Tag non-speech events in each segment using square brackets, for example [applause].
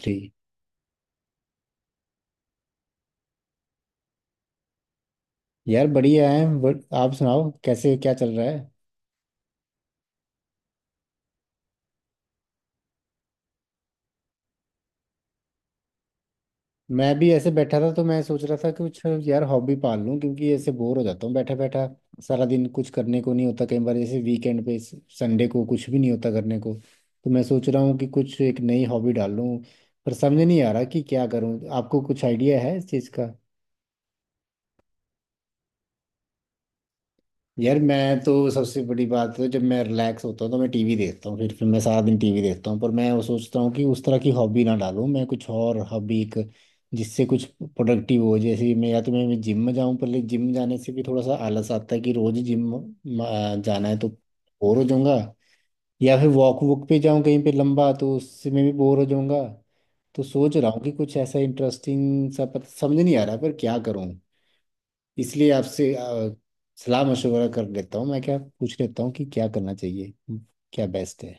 ठीक। यार बढ़िया है। बट आप सुनाओ कैसे क्या चल रहा है। मैं भी ऐसे बैठा था तो मैं सोच रहा था कुछ। यार हॉबी पाल लूं क्योंकि ऐसे बोर हो जाता हूँ बैठा बैठा। सारा दिन कुछ करने को नहीं होता कई बार जैसे वीकेंड पे संडे को कुछ भी नहीं होता करने को। तो मैं सोच रहा हूँ कि कुछ एक नई हॉबी डाल लूं। पर समझ नहीं आ रहा कि क्या करूँ। आपको कुछ आइडिया है इस चीज़ का? यार मैं तो सबसे बड़ी बात है, जब मैं रिलैक्स होता हूँ तो मैं टीवी देखता हूँ, फिर मैं सारा दिन टीवी देखता हूँ। पर मैं वो सोचता हूँ कि उस तरह की हॉबी ना डालूँ, मैं कुछ और हॉबी एक जिससे कुछ प्रोडक्टिव हो। जैसे मैं या तो मैं जिम में जाऊँ, पर लेकिन जिम जाने से भी थोड़ा सा आलस आता है कि रोज जिम जाना है तो बोर हो जाऊंगा। या फिर वॉक वॉक पे जाऊँ कहीं पे लंबा, तो उससे मैं भी बोर हो जाऊंगा। तो सोच रहा हूँ कि कुछ ऐसा इंटरेस्टिंग सा, पता समझ नहीं आ रहा पर क्या करूँ। इसलिए आपसे सलाह मशवरा कर लेता हूँ। मैं क्या पूछ लेता हूँ कि क्या करना चाहिए, क्या बेस्ट है?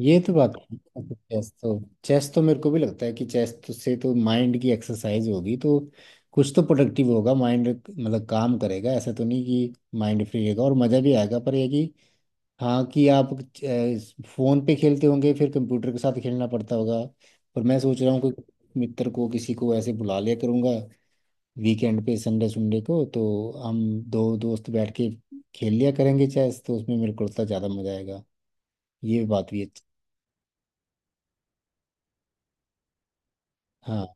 ये तो बात है। चेस तो चेस तो मेरे को भी लगता है कि चेस तो से तो माइंड की एक्सरसाइज होगी, तो कुछ तो प्रोडक्टिव होगा, माइंड मतलब काम करेगा। ऐसा तो नहीं कि माइंड फ्री रहेगा, और मज़ा भी आएगा। पर ये कि हाँ कि आप फ़ोन पे खेलते होंगे फिर कंप्यूटर के साथ खेलना पड़ता होगा। पर मैं सोच रहा हूँ कि मित्र को, किसी को ऐसे बुला लिया करूँगा वीकेंड पे, संडे संडे को। तो हम दो दोस्त बैठ के खेल लिया करेंगे चेस, तो उसमें मेरे को लगता है ज़्यादा मजा आएगा। ये बात भी अच्छी। हाँ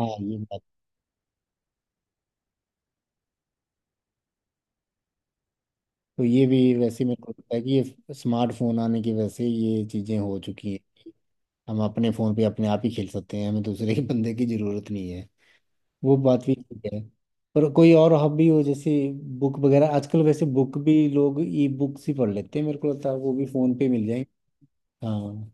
हाँ, ये बात। तो ये भी वैसे मेरे को लगता है कि ये स्मार्टफोन आने की वजह से ये चीज़ें हो चुकी हैं। हम अपने फ़ोन पे अपने आप ही खेल सकते हैं, हमें दूसरे [laughs] के बंदे की ज़रूरत नहीं है। वो बात भी ठीक है। पर कोई और हॉबी हो जैसे बुक वगैरह। आजकल वैसे बुक भी लोग ई बुक्स ही पढ़ लेते हैं, मेरे को लगता है वो भी फ़ोन पे मिल जाएंगे। हाँ।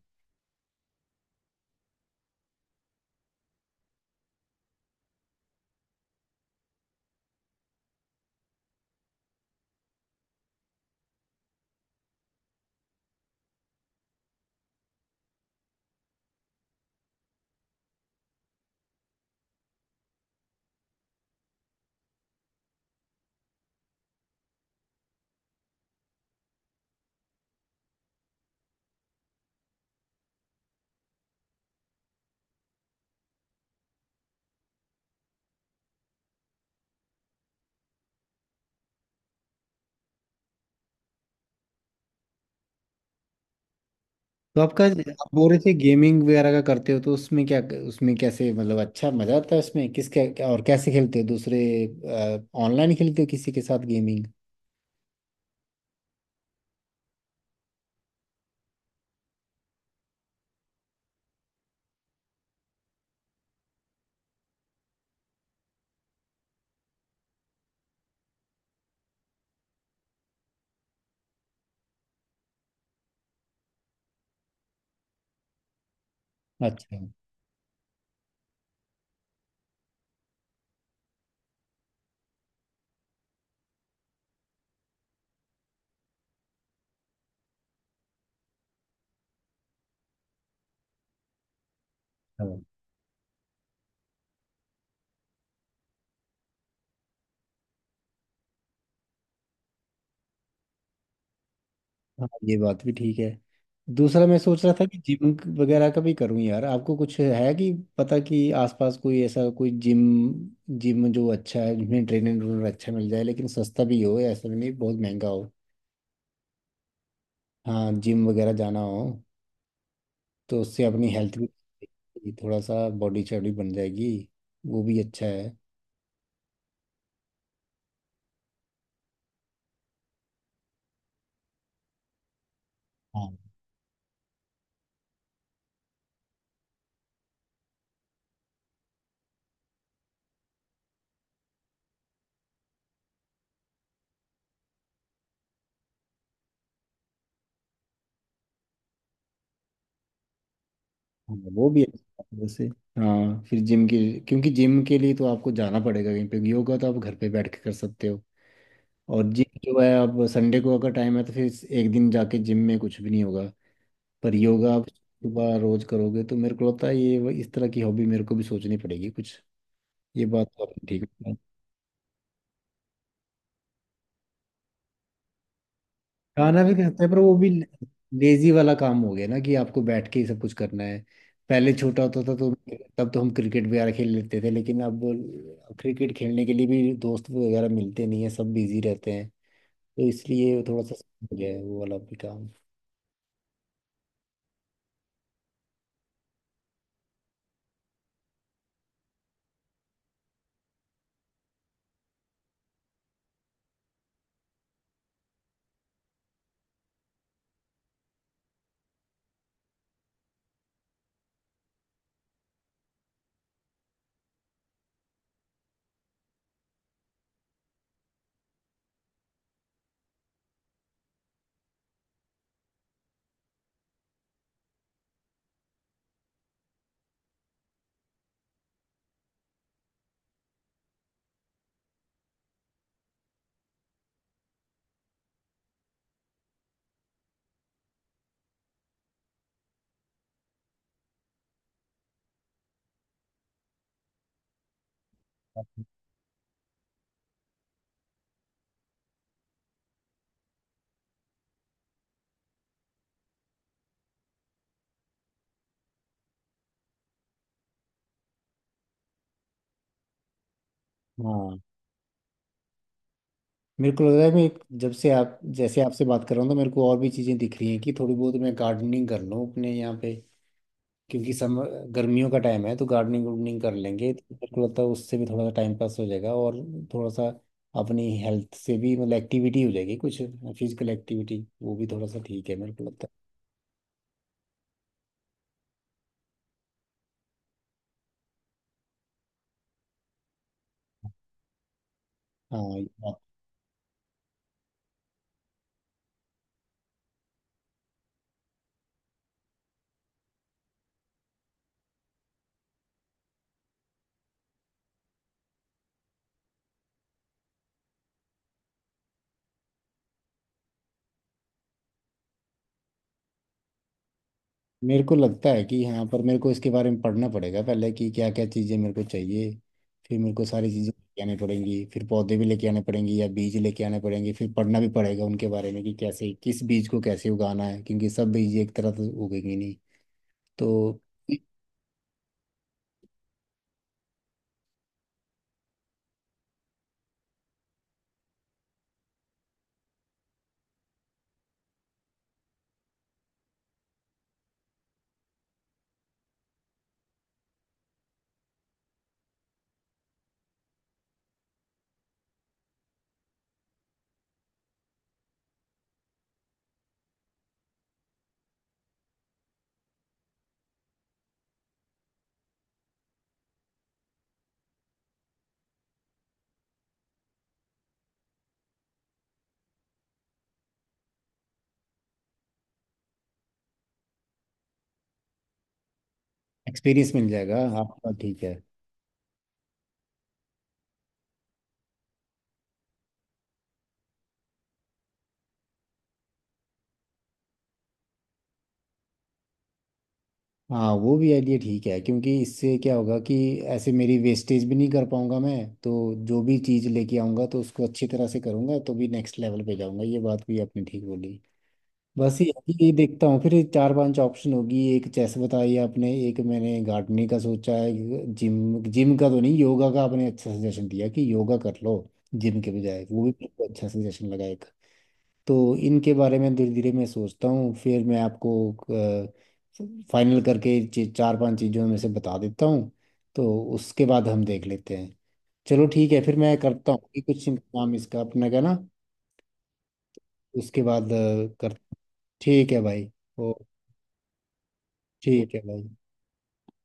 तो आपका, आप बोल रहे थे गेमिंग वगैरह का करते हो, तो उसमें क्या उसमें कैसे मतलब अच्छा मजा आता है? उसमें किस क्या, क्या- और कैसे खेलते हो? दूसरे ऑनलाइन खेलते हो किसी के साथ गेमिंग? अच्छा। हाँ हाँ, ये बात भी ठीक है। दूसरा मैं सोच रहा था कि जिम वगैरह का भी करूं, यार आपको कुछ है कि पता कि आसपास कोई ऐसा कोई जिम जिम जो अच्छा है, जिसमें ट्रेनर अच्छा मिल जाए, लेकिन सस्ता भी हो, ऐसा भी नहीं बहुत महंगा हो। हाँ जिम वगैरह जाना हो तो उससे अपनी हेल्थ भी, थोड़ा सा बॉडी चौड़ी बन जाएगी। वो भी अच्छा है। हाँ हाँ, वो भी अच्छा है वैसे। हाँ फिर जिम के, क्योंकि जिम के लिए तो आपको जाना पड़ेगा कहीं पे, योगा तो आप घर पे बैठ के कर सकते हो। और जिम जो है, अब संडे को अगर टाइम है तो फिर एक दिन जाके जिम में कुछ भी नहीं होगा। पर योगा आप सुबह रोज करोगे तो मेरे को लगता है ये इस तरह की हॉबी मेरे को भी सोचनी पड़ेगी कुछ। ये बात तो आपने ठीक। खाना भी खाते हैं, पर वो भी लेजी वाला काम हो गया ना कि आपको बैठ के ही सब कुछ करना है। पहले छोटा होता था तो तब तो हम क्रिकेट वगैरह खेल लेते थे, लेकिन अब क्रिकेट खेलने के लिए भी दोस्त वगैरह मिलते नहीं है, सब बिजी रहते हैं। तो इसलिए थोड़ा सा हो गया है वो वाला भी काम। हाँ। मेरे को लग रहा है, मैं एक-, जब से आप जैसे आपसे बात कर रहा हूँ तो मेरे को और भी चीज़ें दिख रही हैं कि थोड़ी बहुत मैं गार्डनिंग कर लूँ अपने यहाँ पे, क्योंकि सम, गर्मियों का टाइम है तो गार्डनिंग वार्डनिंग कर लेंगे तो मेरे को लगता है उससे भी थोड़ा सा टाइम पास हो जाएगा और थोड़ा सा अपनी हेल्थ से भी मतलब एक्टिविटी हो जाएगी कुछ, फिजिकल एक्टिविटी, वो भी थोड़ा सा ठीक है मेरे को लगता है। हाँ ये बात-। मेरे को लगता है कि हाँ, पर मेरे को इसके बारे में पढ़ना पड़ेगा पहले कि क्या क्या चीज़ें मेरे को चाहिए। फिर मेरे को सारी चीज़ें लेके आनी पड़ेंगी, फिर पौधे भी लेके आने पड़ेंगे या बीज लेके आने पड़ेंगे, फिर पढ़ना भी पड़ेगा उनके बारे में कि कैसे, किस बीज को कैसे उगाना है, क्योंकि सब बीज एक तरह से उगेंगे नहीं। तो एक्सपीरियंस मिल जाएगा आपका, ठीक है। हाँ वो भी आइडिया ठीक है, क्योंकि इससे क्या होगा कि ऐसे मेरी वेस्टेज भी नहीं कर पाऊंगा मैं। तो जो भी चीज़ लेके आऊंगा तो उसको अच्छी तरह से करूंगा तो भी नेक्स्ट लेवल पे जाऊंगा। ये बात भी आपने ठीक बोली। बस ये है कि ये देखता हूँ, फिर ये चार पांच ऑप्शन होगी। एक चेस बताई आपने, एक मैंने गार्डनिंग का सोचा है। जिम जिम का तो नहीं, योगा का आपने अच्छा सजेशन दिया कि योगा कर लो जिम के बजाय, वो भी मेरे को अच्छा सजेशन लगा। तो इनके बारे में धीरे धीरे मैं सोचता हूँ, फिर मैं आपको फाइनल करके चार पांच चीज़ों में से बता देता हूँ। तो उसके बाद हम देख लेते हैं। चलो ठीक है, फिर मैं करता हूँ कि कुछ काम इसका अपने का ना। उसके बाद कर। ठीक है भाई। ओ, ठीक है भाई।